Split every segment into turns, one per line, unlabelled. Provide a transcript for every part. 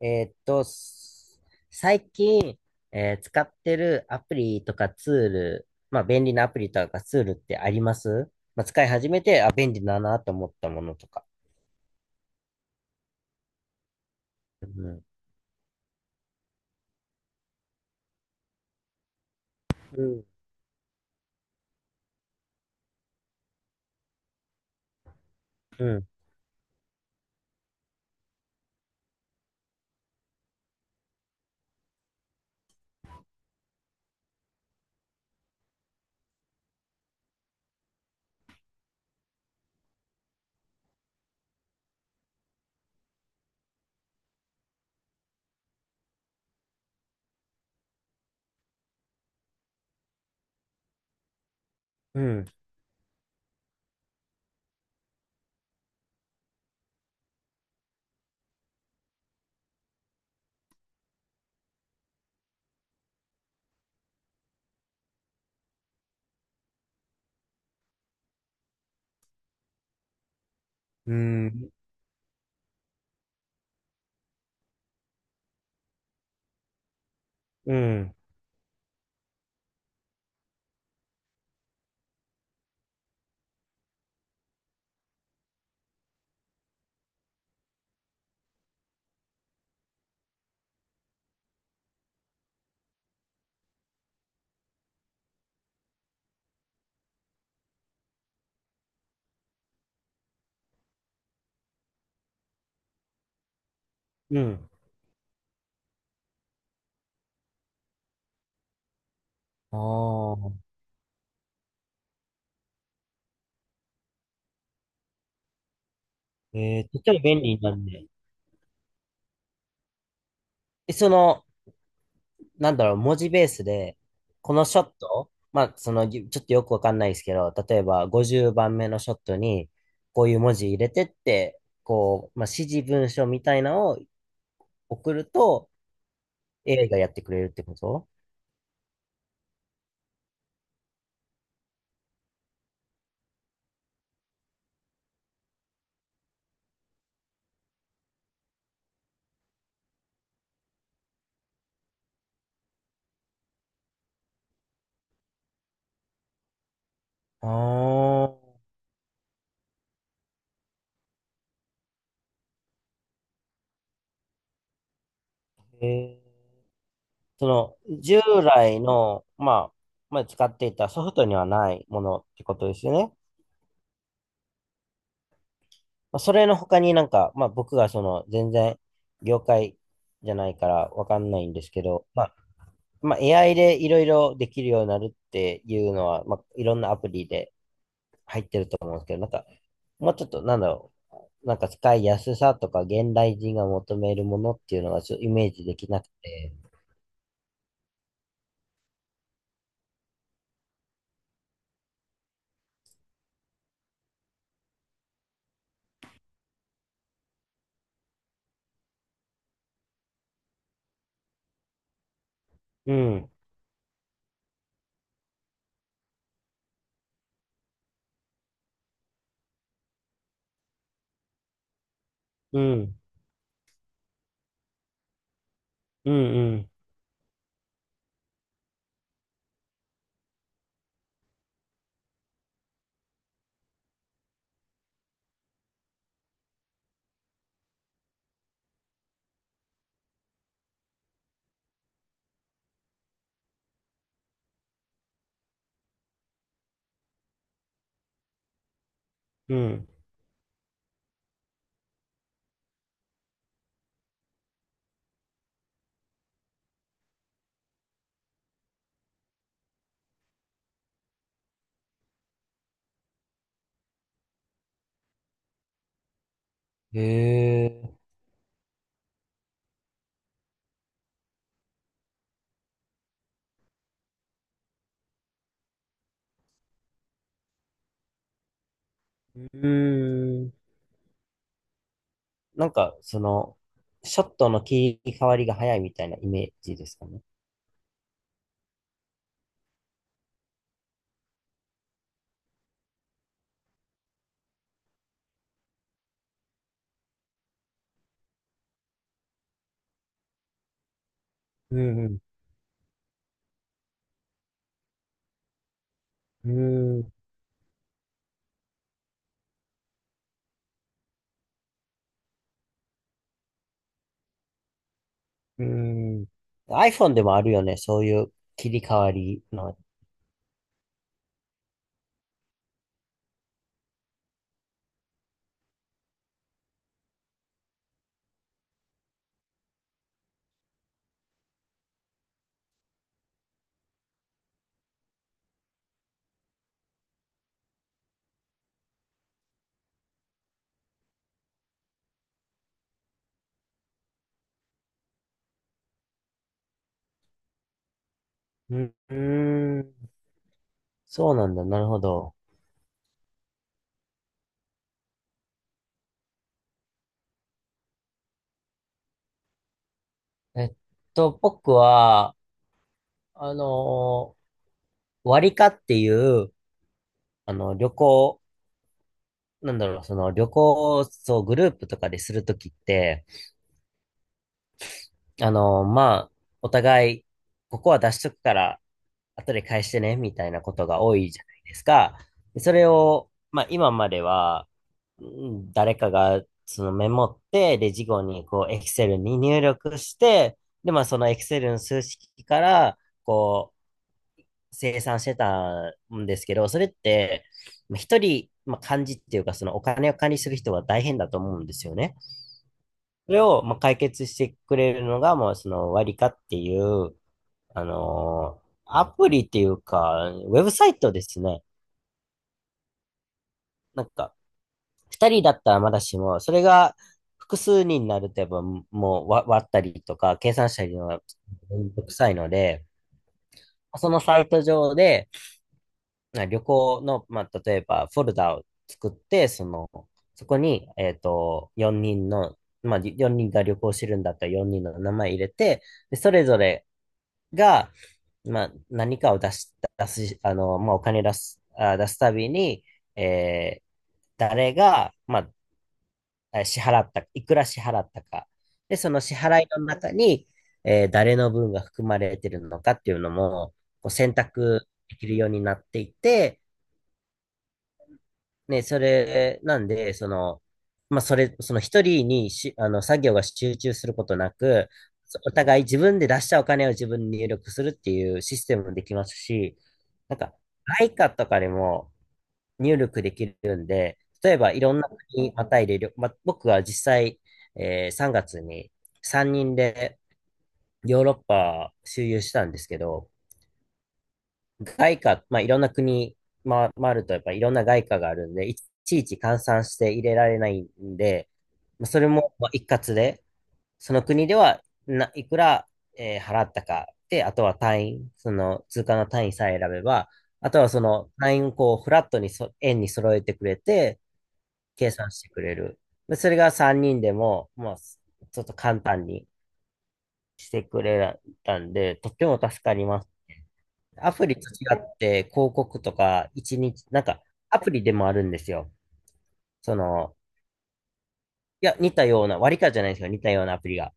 えーっと、す最近、使ってるアプリとかツール、まあ便利なアプリとかツールってあります？まあ使い始めて、あ、便利だなと思ったものとか。うん。うん。うん。うん。うん。うん。うん。ああー。ても便利なんで。その、なんだろう、文字ベースで、このショット、まあ、その、ちょっとよくわかんないですけど、例えば50番目のショットに、こういう文字入れてって、こう、まあ、指示文書みたいなのを送ると、AI がやってくれるってこと？ああー。えその、従来の、まあ、使っていたソフトにはないものってことですよね。まあ、それの他になんか、まあ、僕がその、全然、業界じゃないからわかんないんですけど、まあ、AI でいろいろできるようになるっていうのは、まあ、いろんなアプリで入ってると思うんですけど、なんか、もうちょっと、なんだろう、なんか使いやすさとか、現代人が求めるものっていうのがちょっとイメージできなくて。うん、うん、うん、うん、うん。へえ。うーん。なんか、その、ショットの切り替わりが早いみたいなイメージですかね。うん、うん、うん、うん。iPhone でもあるよね、そういう切り替わりの。うーん。そうなんだ。なるほど。えっ僕は、あの割りかっていう、あの、旅行、なんだろう、その旅行をそうグループとかでするときって、あのまあ、お互い、ここは出しとくから、後で返してね、みたいなことが多いじゃないですか。でそれを、まあ今までは、う誰かがそのメモって、で、事後にこう、エクセルに入力して、で、まあそのエクセルの数式から、こう、生産してたんですけど、それって、まあ一人、まあ、幹事っていうか、そのお金を管理する人が大変だと思うんですよね。それを、まあ、解決してくれるのが、もうその割りかっていう、アプリっていうか、ウェブサイトですね。なんか、二人だったらまだしも、それが複数人になると、やっぱもう割ったりとか、計算したりのがめんどくさいので、そのサイト上で、旅行の、まあ、例えばフォルダを作って、その、そこに、4人の、まあ、4人が旅行してるんだったら4人の名前入れて、で、それぞれが、まあ、何かを出す、あの、まあ、お金出す、あ、出すたびに、えー誰が、まあ、支払った、いくら支払ったか。で、その支払いの中に、誰の分が含まれてるのかっていうのも、こう選択できるようになっていて、ね、それ、なんで、その、まあ、それ、その一人にし、あの、作業が集中することなく、お互い自分で出したお金を自分に入力するっていうシステムもできますし、なんか、イカとかでも入力できるんで、例えばいろんな国にまたいでま、僕は実際、3月に3人でヨーロッパ周遊したんですけど、外貨、まあ、いろんな国回ると、やっぱいろんな外貨があるんで、いちいち換算して入れられないんで、まあそれもまあ一括で、その国ではいくら、払ったか、で、あとは単位、その通貨の単位さえ選べば、あとはその単位をこうフラットに円に揃えてくれて、計算してくれる。でそれが3人でも、まあ、ちょっと簡単にしてくれたんで、とっても助かります。アプリと違って広告とか一日、なんかアプリでもあるんですよ。その、いや、似たような、割り勘じゃないんですよ。似たようなアプリが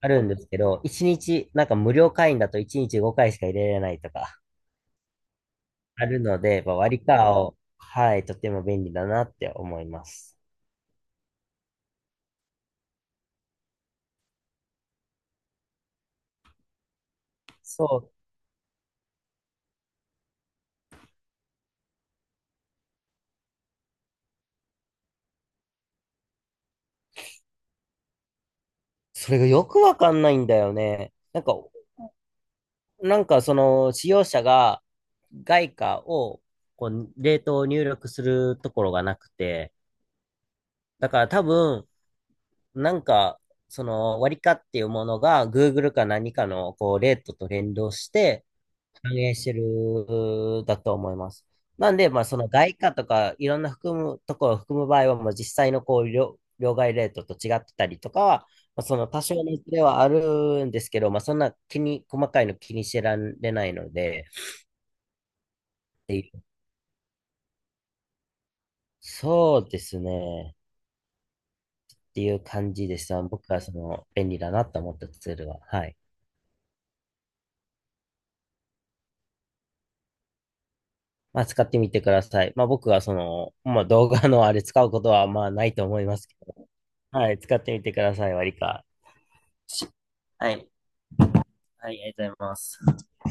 あるんですけど、一日、なんか無料会員だと一日5回しか入れられないとかあるので、まあ、割り勘を、はい、とても便利だなって思います。そう。それがよくわかんないんだよね。なんか、その使用者が外貨をこうレートを入力するところがなくて、だから多分、なんか、その割り価っていうものが Google か何かのこうレートと連動して反映してるだと思います。なんで、まあその外貨とかいろんな含むところを含む場合は、まあ実際のこう両替レートと違ってたりとかは、まあ、その多少のズレはあるんですけど、まあそんな細かいの気にしてられないので、っていうそうですね。っていう感じでした。僕はその便利だなと思ったツールは。はい。まあ、使ってみてください。まあ、僕はその、まあ、動画のあれ使うことはまあないと思いますけど、はい、使ってみてください、割か。はい、はい、ありがとうございます。